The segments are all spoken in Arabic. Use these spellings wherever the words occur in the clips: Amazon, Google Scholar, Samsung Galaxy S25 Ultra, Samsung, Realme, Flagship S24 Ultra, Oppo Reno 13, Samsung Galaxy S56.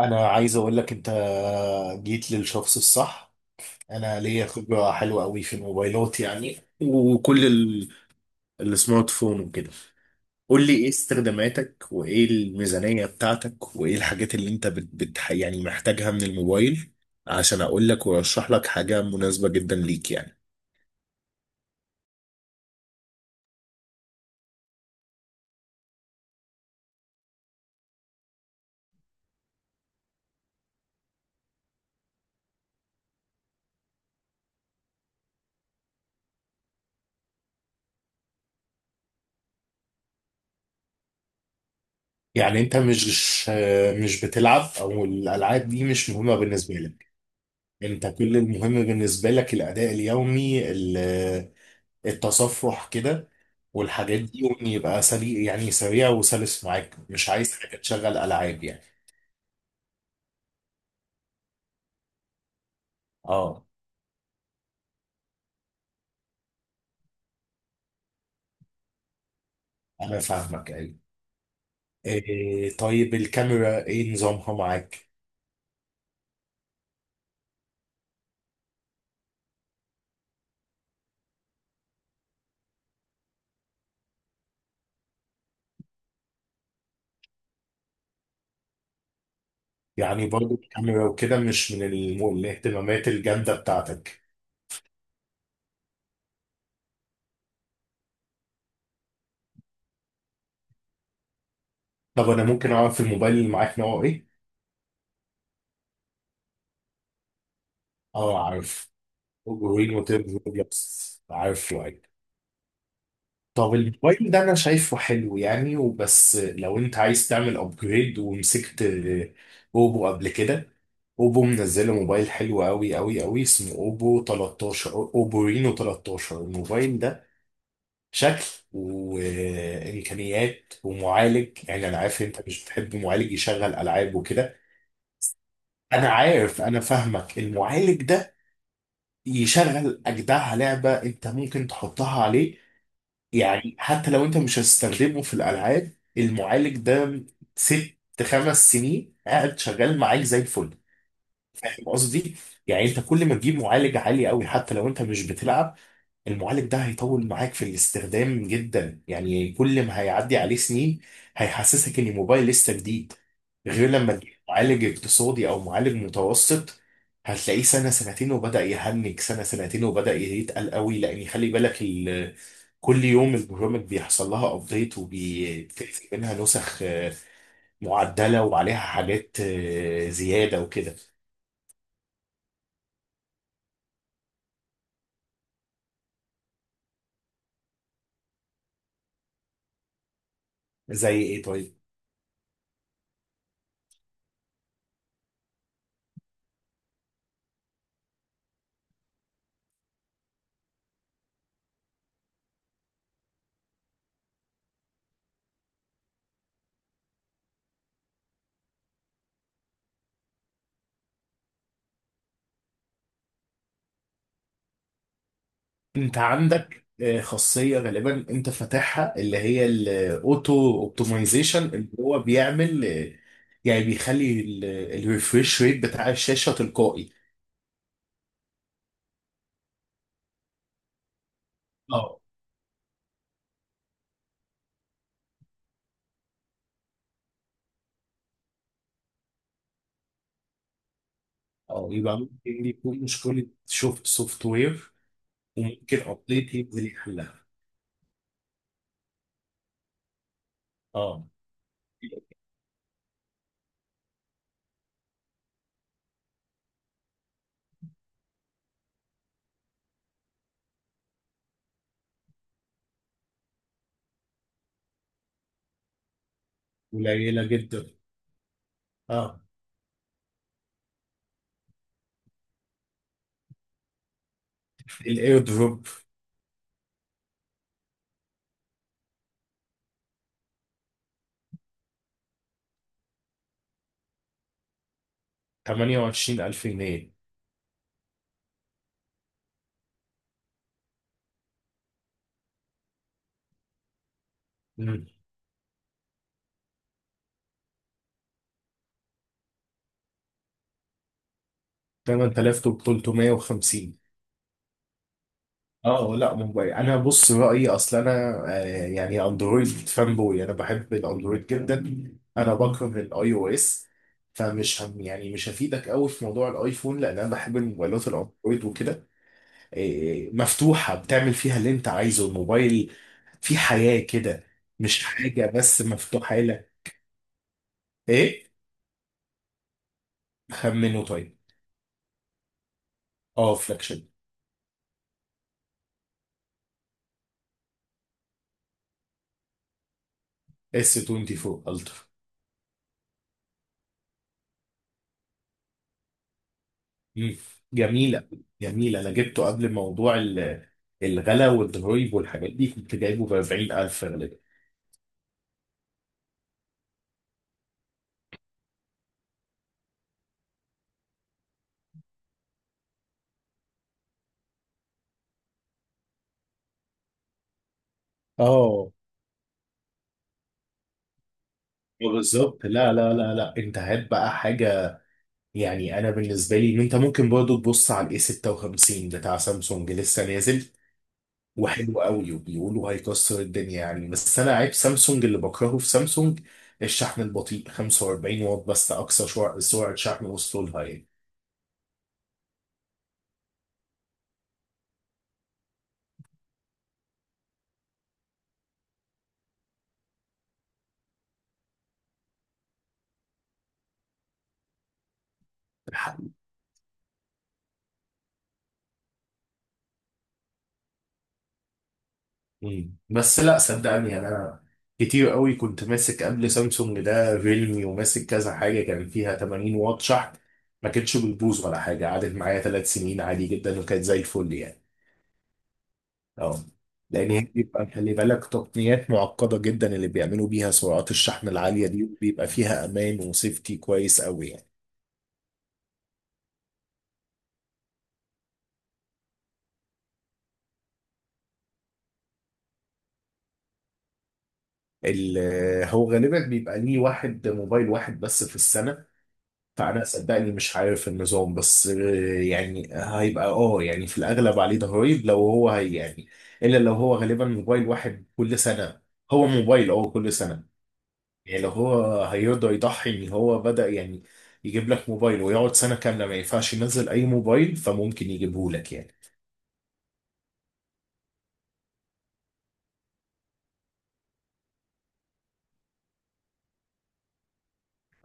انا عايز اقول لك. انت جيت للشخص الصح. انا ليا خبره حلوه قوي في الموبايلات، يعني وكل السمارت فون وكده. قول لي ايه استخداماتك، وايه الميزانيه بتاعتك، وايه الحاجات اللي انت بت بت يعني محتاجها من الموبايل، عشان اقول لك وارشح لك حاجه مناسبه جدا ليك يعني. يعني انت مش بتلعب، او الالعاب دي مش مهمه بالنسبه لك. انت كل المهم بالنسبه لك الاداء اليومي، التصفح كده، والحاجات دي، وان يبقى سريع، يعني سريع وسلس معاك، مش عايز حاجه تشغل العاب يعني. اه، انا فاهمك، ايوه. إيه طيب، الكاميرا ايه نظامها معاك؟ يعني برضو الكاميرا وكده مش من الاهتمامات الجامده بتاعتك. طب انا ممكن اعرف الموبايل اللي معاك نوعه ايه؟ اه عارف، جرين وتيب، بس عارف. طب الموبايل ده انا شايفه حلو يعني، وبس لو انت عايز تعمل ابجريد ومسكت اوبو قبل كده، اوبو منزله موبايل حلو قوي قوي قوي، اسمه اوبو 13، اوبو رينو 13. الموبايل ده شكل وامكانيات ومعالج، يعني انا عارف انت مش بتحب معالج يشغل العاب وكده. انا عارف، انا فاهمك. المعالج ده يشغل اجدع لعبه انت ممكن تحطها عليه. يعني حتى لو انت مش هتستخدمه في الالعاب، المعالج ده ست، خمس سنين قاعد شغال معاك زي الفل. فاهم قصدي؟ يعني انت كل ما تجيب معالج عالي قوي حتى لو انت مش بتلعب، المعالج ده هيطول معاك في الاستخدام جدا، يعني كل ما هيعدي عليه سنين هيحسسك ان الموبايل لسه جديد. غير لما تجيب معالج اقتصادي او معالج متوسط، هتلاقيه سنه سنتين وبدا يهنج، سنه سنتين وبدا يتقل قوي، لان خلي بالك كل يوم البرامج بيحصل لها ابديت وبتنزل منها نسخ معدله وعليها حاجات زياده وكده. زي ايه طيب؟ انت عندك خاصيه غالبا انت فاتحها، اللي هي الاوتو اوبتمايزيشن، اللي هو بيعمل يعني بيخلي الريفريش ريت بتاع الشاشه تلقائي. اه اه، يبقى ممكن دي تكون مشكلة شوف سوفت وير، وممكن ابديت يبقى ليه حلها. اه. قليلة جدا. اه، الاير دروب. 28000 جنيه. مم. 8350. اه، لا موبايل. انا بص رأيي، اصل انا يعني اندرويد فان بوي، انا بحب الاندرويد جدا، انا بكره الاي او اس. فمش هم، يعني مش هفيدك قوي في موضوع الايفون، لان انا بحب الموبايلات الاندرويد وكده. إيه، مفتوحة بتعمل فيها اللي انت عايزه الموبايل، في حياة كده، مش حاجة بس مفتوحة لك. ايه؟ خمنه طيب. اه، فلاكشن. اس 24 الترا. مم. جميلة. جميلة، انا جبته قبل موضوع الغلا والضرايب والحاجات دي، كنت جايبه ب 40000 غالبا. اه بالظبط. لا لا لا لا، انت هات بقى حاجة. يعني انا بالنسبة لي انت ممكن برضو تبص على الاي 56 بتاع سامسونج، لسه نازل وحلو قوي، وبيقولوا هيكسر الدنيا يعني. بس انا عيب سامسونج، اللي بكرهه في سامسونج الشحن البطيء، 45 واط بس اقصى سرعه شحن وصلوا لها يعني. الحق. مم. بس لا صدقني يعني، انا كتير قوي كنت ماسك قبل سامسونج ده ريلمي، وماسك كذا حاجه كان فيها 80 واط شحن، ما كانتش بيبوظ ولا حاجه، قعدت معايا ثلاث سنين عادي جدا، وكانت زي الفل يعني. اه، لان هي بيبقى خلي بالك تقنيات معقده جدا اللي بيعملوا بيها سرعات الشحن العاليه دي، بيبقى فيها امان وسيفتي كويس قوي يعني. ال- هو غالبا بيبقى ليه واحد، موبايل واحد بس في السنه. فانا صدقني مش عارف النظام، بس يعني هيبقى اه، يعني في الاغلب عليه ضرايب لو هو هي يعني، الا لو هو غالبا موبايل واحد كل سنه، هو موبايل اه كل سنه. يعني لو هو هيرضى يضحي ان هو بدأ يعني يجيب لك موبايل ويقعد سنة كاملة ما ينفعش ينزل اي موبايل، فممكن يجيبه لك يعني.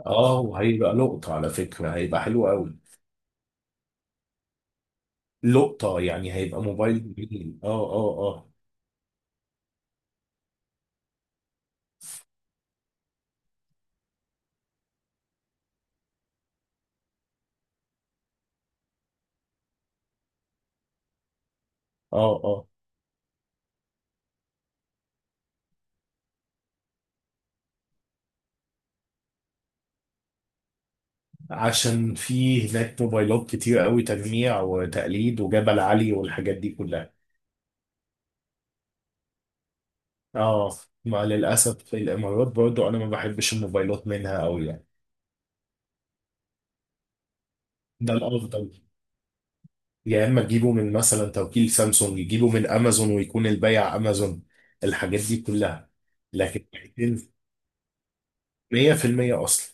اه، وهيبقى لقطة على فكرة، هيبقى حلو قوي. لقطة يعني، هيبقى موبايل جميل. اه اه اه. اه اه، عشان في هناك موبايلات كتير قوي تجميع وتقليد وجبل علي والحاجات دي كلها. اه، مع للأسف في الإمارات برضو أنا ما بحبش الموبايلات منها قوي يعني. ده الأفضل. يا اما تجيبه من مثلا توكيل سامسونج، يجيبه من امازون ويكون البيع امازون، الحاجات دي كلها. لكن 100% اصلي.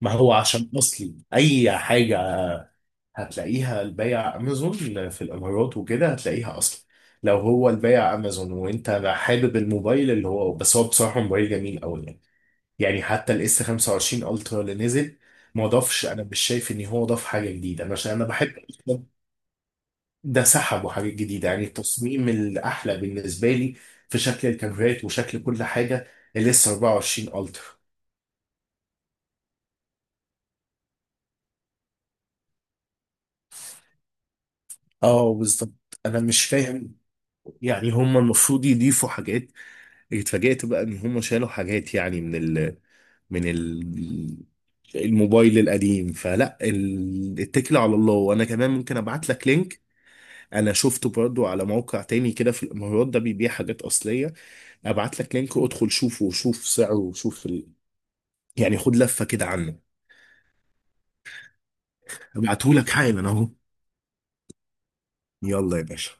ما هو عشان اصلي اي حاجه هتلاقيها البيع امازون في الامارات وكده هتلاقيها اصلي. لو هو البيع امازون، وانت حابب الموبايل اللي هو، بس هو بصراحه موبايل جميل قوي يعني. يعني حتى الاس 25 الترا اللي نزل، ما ضافش، انا مش شايف ان هو ضاف حاجه جديده، انا عشان انا بحب. ده سحبوا حاجات جديدة، يعني التصميم الأحلى بالنسبة لي، في شكل الكاميرات وشكل كل حاجة، الاس 24 الترا. اه بالظبط، انا مش فاهم. يعني هم المفروض يضيفوا حاجات، اتفاجئت بقى ان هم شالوا حاجات يعني من ال من ال الموبايل القديم. فلا اتكل على الله، وانا كمان ممكن ابعت لك لينك. انا شفته برضو على موقع تاني كده في الامارات، ده بيبيع حاجات اصلية، ابعت لك لينك وادخل شوفه وشوف سعره وشوف يعني خد لفة كده عنه. ابعتهولك حالا اهو. يلا يا باشا.